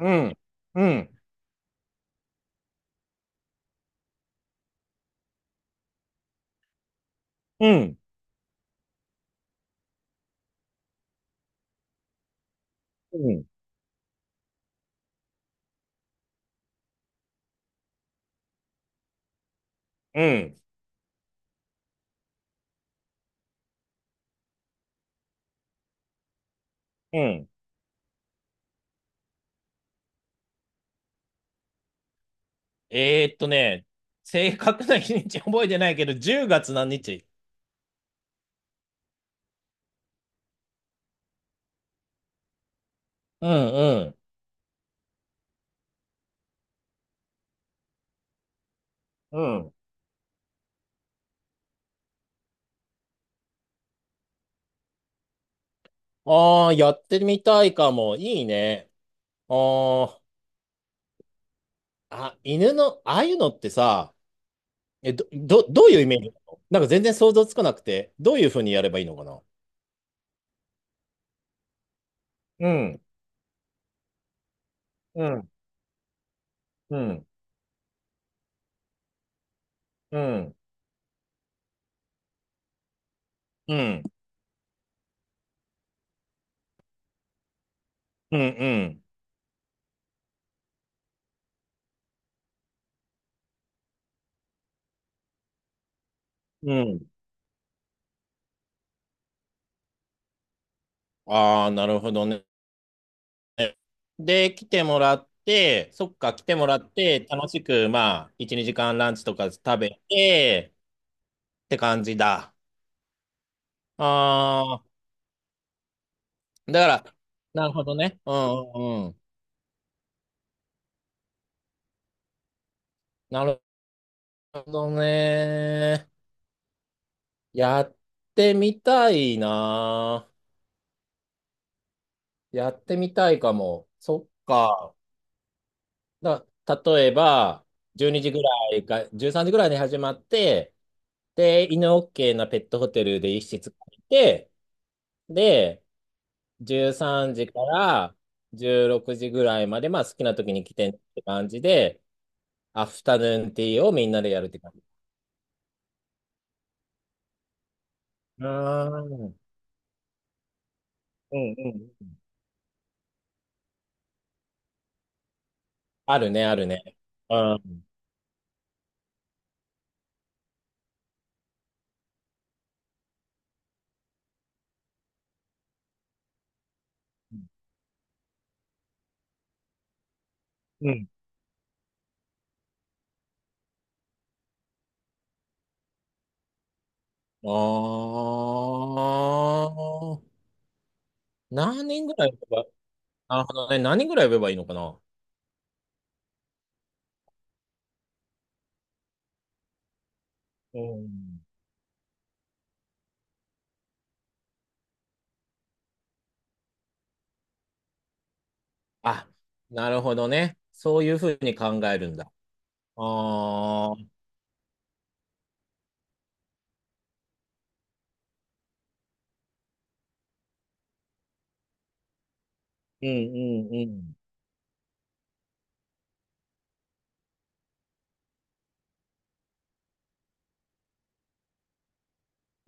うん、うん、うん、うん、うん、うん。えーっとね、正確な日にち覚えてないけど、10月何日？うん、うん、うん。ああ、やってみたいかも。いいね。あーあ、犬の、ああいうのってさ、え、どういうイメージなの。なんか全然想像つかなくて、どういうふうにやればいいのかな？うん、うん、うん、うん、うん、うん、うん。うん。ああ、なるほどね。で、来てもらって、そっか、来てもらって、楽しく、まあ、1、2時間ランチとか食べて、って感じだ。ああ、だから、なるほどね。うんうんうん。なるほどね。やってみたいな。やってみたいかも。そっか。だ、例えば、12時ぐらいか、13時ぐらいに始まって、で、犬 OK なペットホテルで一室借りて、で、13時から16時ぐらいまで、まあ好きな時に来てねって感じで、アフタヌーンティーをみんなでやるって感じ。うーん。うんうん。あるね、あるね。うん。うん。ああ。何人ぐらい呼べば、なるほどね。何人ぐらい呼べばいいのかな？うん。あ、なるほどね。そういうふうに考えるんだ。ああ。うんうん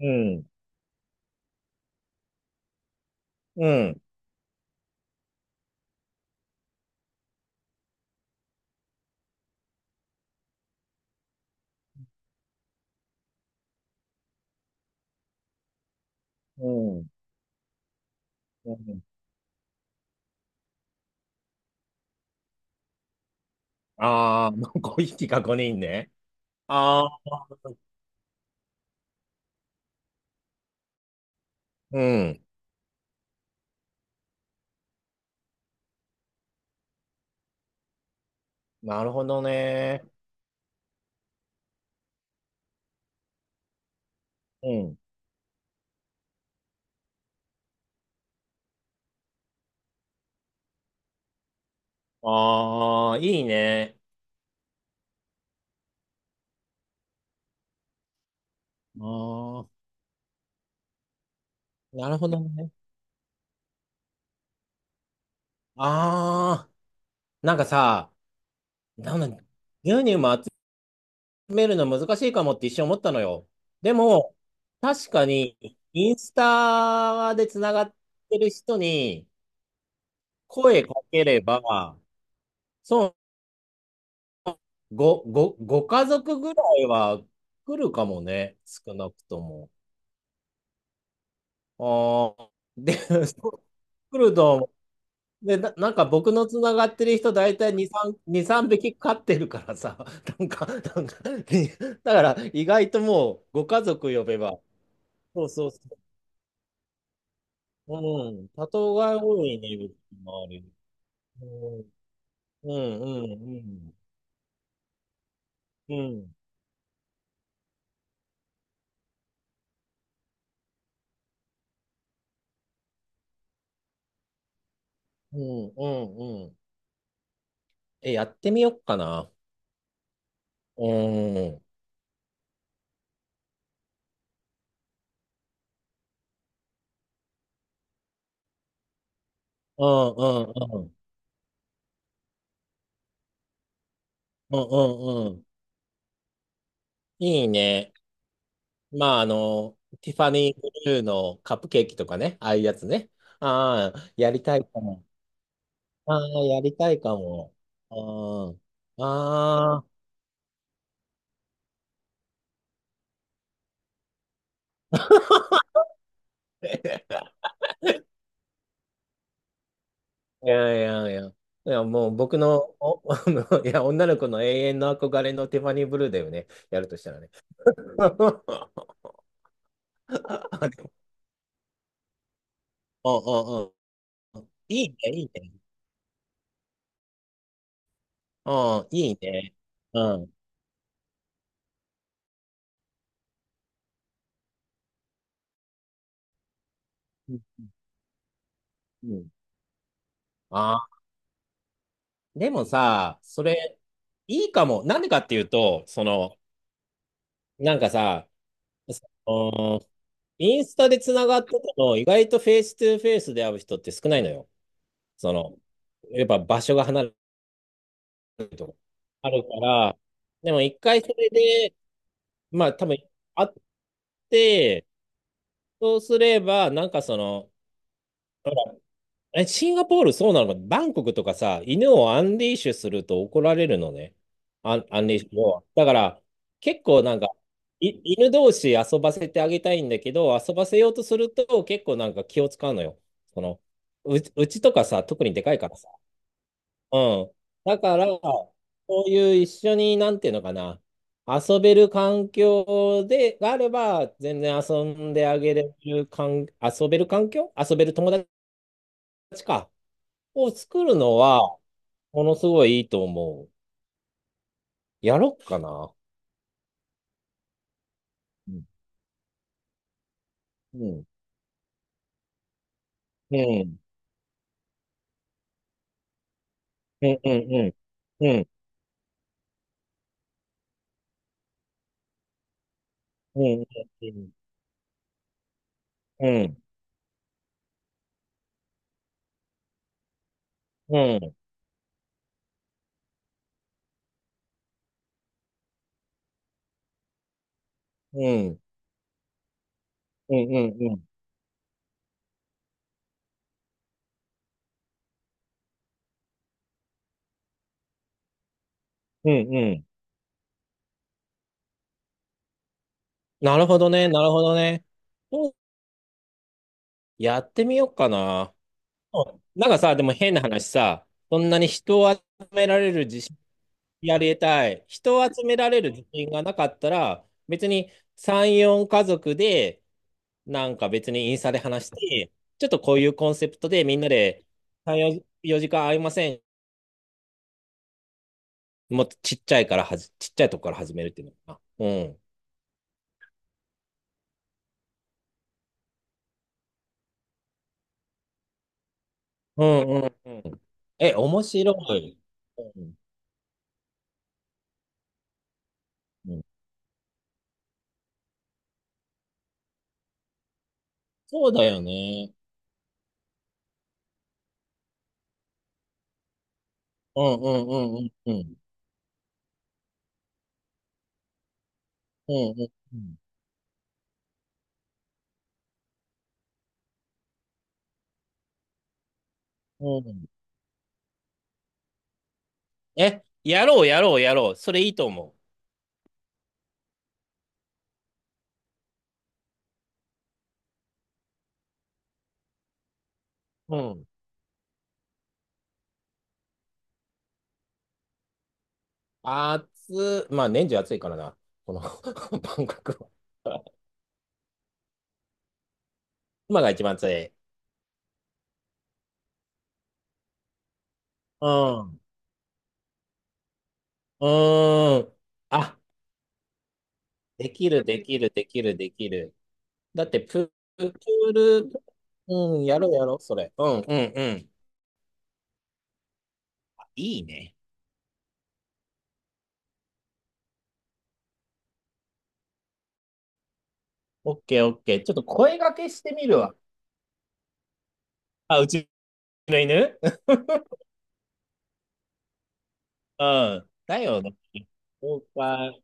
うん。うん。うん。うん。うん。ああ、まあ、5匹か5人ね。ああ、うん。なるほどね。うん。ああ、いいね。ああ、なるほどね。ああ、なんかさ、なんだ、牛乳も集めるの難しいかもって一瞬思ったのよ。でも、確かに、インスタでつながってる人に声かければ、そう、ご家族ぐらいは来るかもね。少なくとも。ああ、で、そうクルドン、で、なんか僕のつながってる人、大体2、3、2、3匹飼ってるからさ、なんか、で、だから意外ともうご家族呼べば、そうそうそう、うん、多頭が多いね、うちの周りに。うん、うん、うん、うん、うん、うん、うんうん、え、やってみよっかな。うん、うん、うん、うん、うん、うん、うん、いいね。まあ、ティファニーブルーのカップケーキとかね、ああいうやつね。ああ、やりたいかも。ああ、やりたいかも。ああ、ああ。いやいやいや。いや、もう僕の、いや、女の子の永遠の憧れのティファニーブルーだよね。やるとしたらね。あでも、うんうんうん。いいね、いいね。うん、いいね。うん。うん。ああ、でもさ、それ、いいかも。なんでかっていうと、その、なんかさ、そのインスタでつながってても、意外とフェイストゥフェイスで会う人って少ないのよ。その、やっぱ場所が離れるとあるから、でも一回それで、まあ多分会って、そうすれば、なんかその、え、シンガポールそうなのか、バンコクとかさ、犬をアンリーシュすると怒られるのね。アンリーシュを。だから、結構なんか、犬同士遊ばせてあげたいんだけど、遊ばせようとすると結構なんか気を使うのよ。その、うちとかさ、特にでかいからさ。うん。だから、そういう一緒に、なんていうのかな、遊べる環境で、があれば、全然遊んであげれる環、遊べる環境遊べる友達か。を作るのは、ものすごいいいと思う。やろっかな。うん。うん。うん。うん。うん。うん。うん。うん。うん。うん。うん。うん。うん。うん。うん、なるほどね。なるほどね。そうやってみようかな。うん、なんかさ、でも変な話さ、そんなに人を集められる自信やりたい。人を集められる自信がなかったら、別に3、4家族で、なんか別にインスタで話して、ちょっとこういうコンセプトでみんなで3、4 4時間会いません。もっとちっちゃいとこから始めるっていうのかな。うん。うんうんうん。え、面白い。うんうん、そうだよね。うんうんうんうんうん。うんうんうん。うん、え、やろうやろうやろう。それいいと思う。うん。まあ年中暑いからな、この 万博は。今が一番暑い。うん。うーん。あ、できる、できる、できる、できる。だってプール、うん、やろうやろう、それ。うん、うん、うん。いいね。オッケー、オッケー。ちょっと声掛けしてみるわ。あ、うちの犬。 うん。だよね。そうか。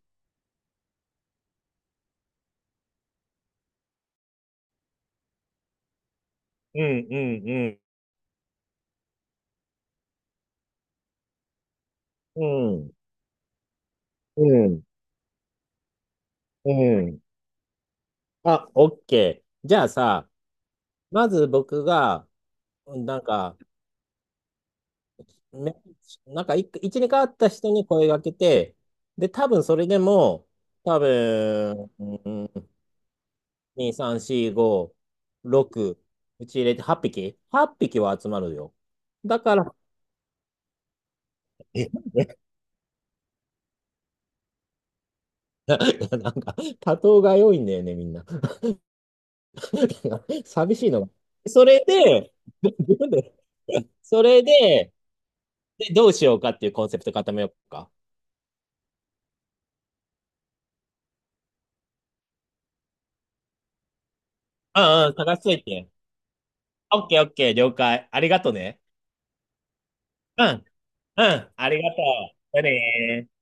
うん、うん、うん。うん、うん、うん。あ、オッケー。じゃあさ、まず僕が、うん、なんか、めなんか二回会った人に声がけて、で、多分それでも、多分、うん、2、3、4、5、6、うち入れて8匹 ?8 匹はっぴきは集まるよ。だから、え、 なんか、多頭が良いんだよね、みんな。寂しいのが。それで、自分でそれで、で、どうしようかっていうコンセプト固めようか。うんうん、探しといて。オッケーオッケー、了解。ありがとね。うん。うん、ありがとう。じゃあねー。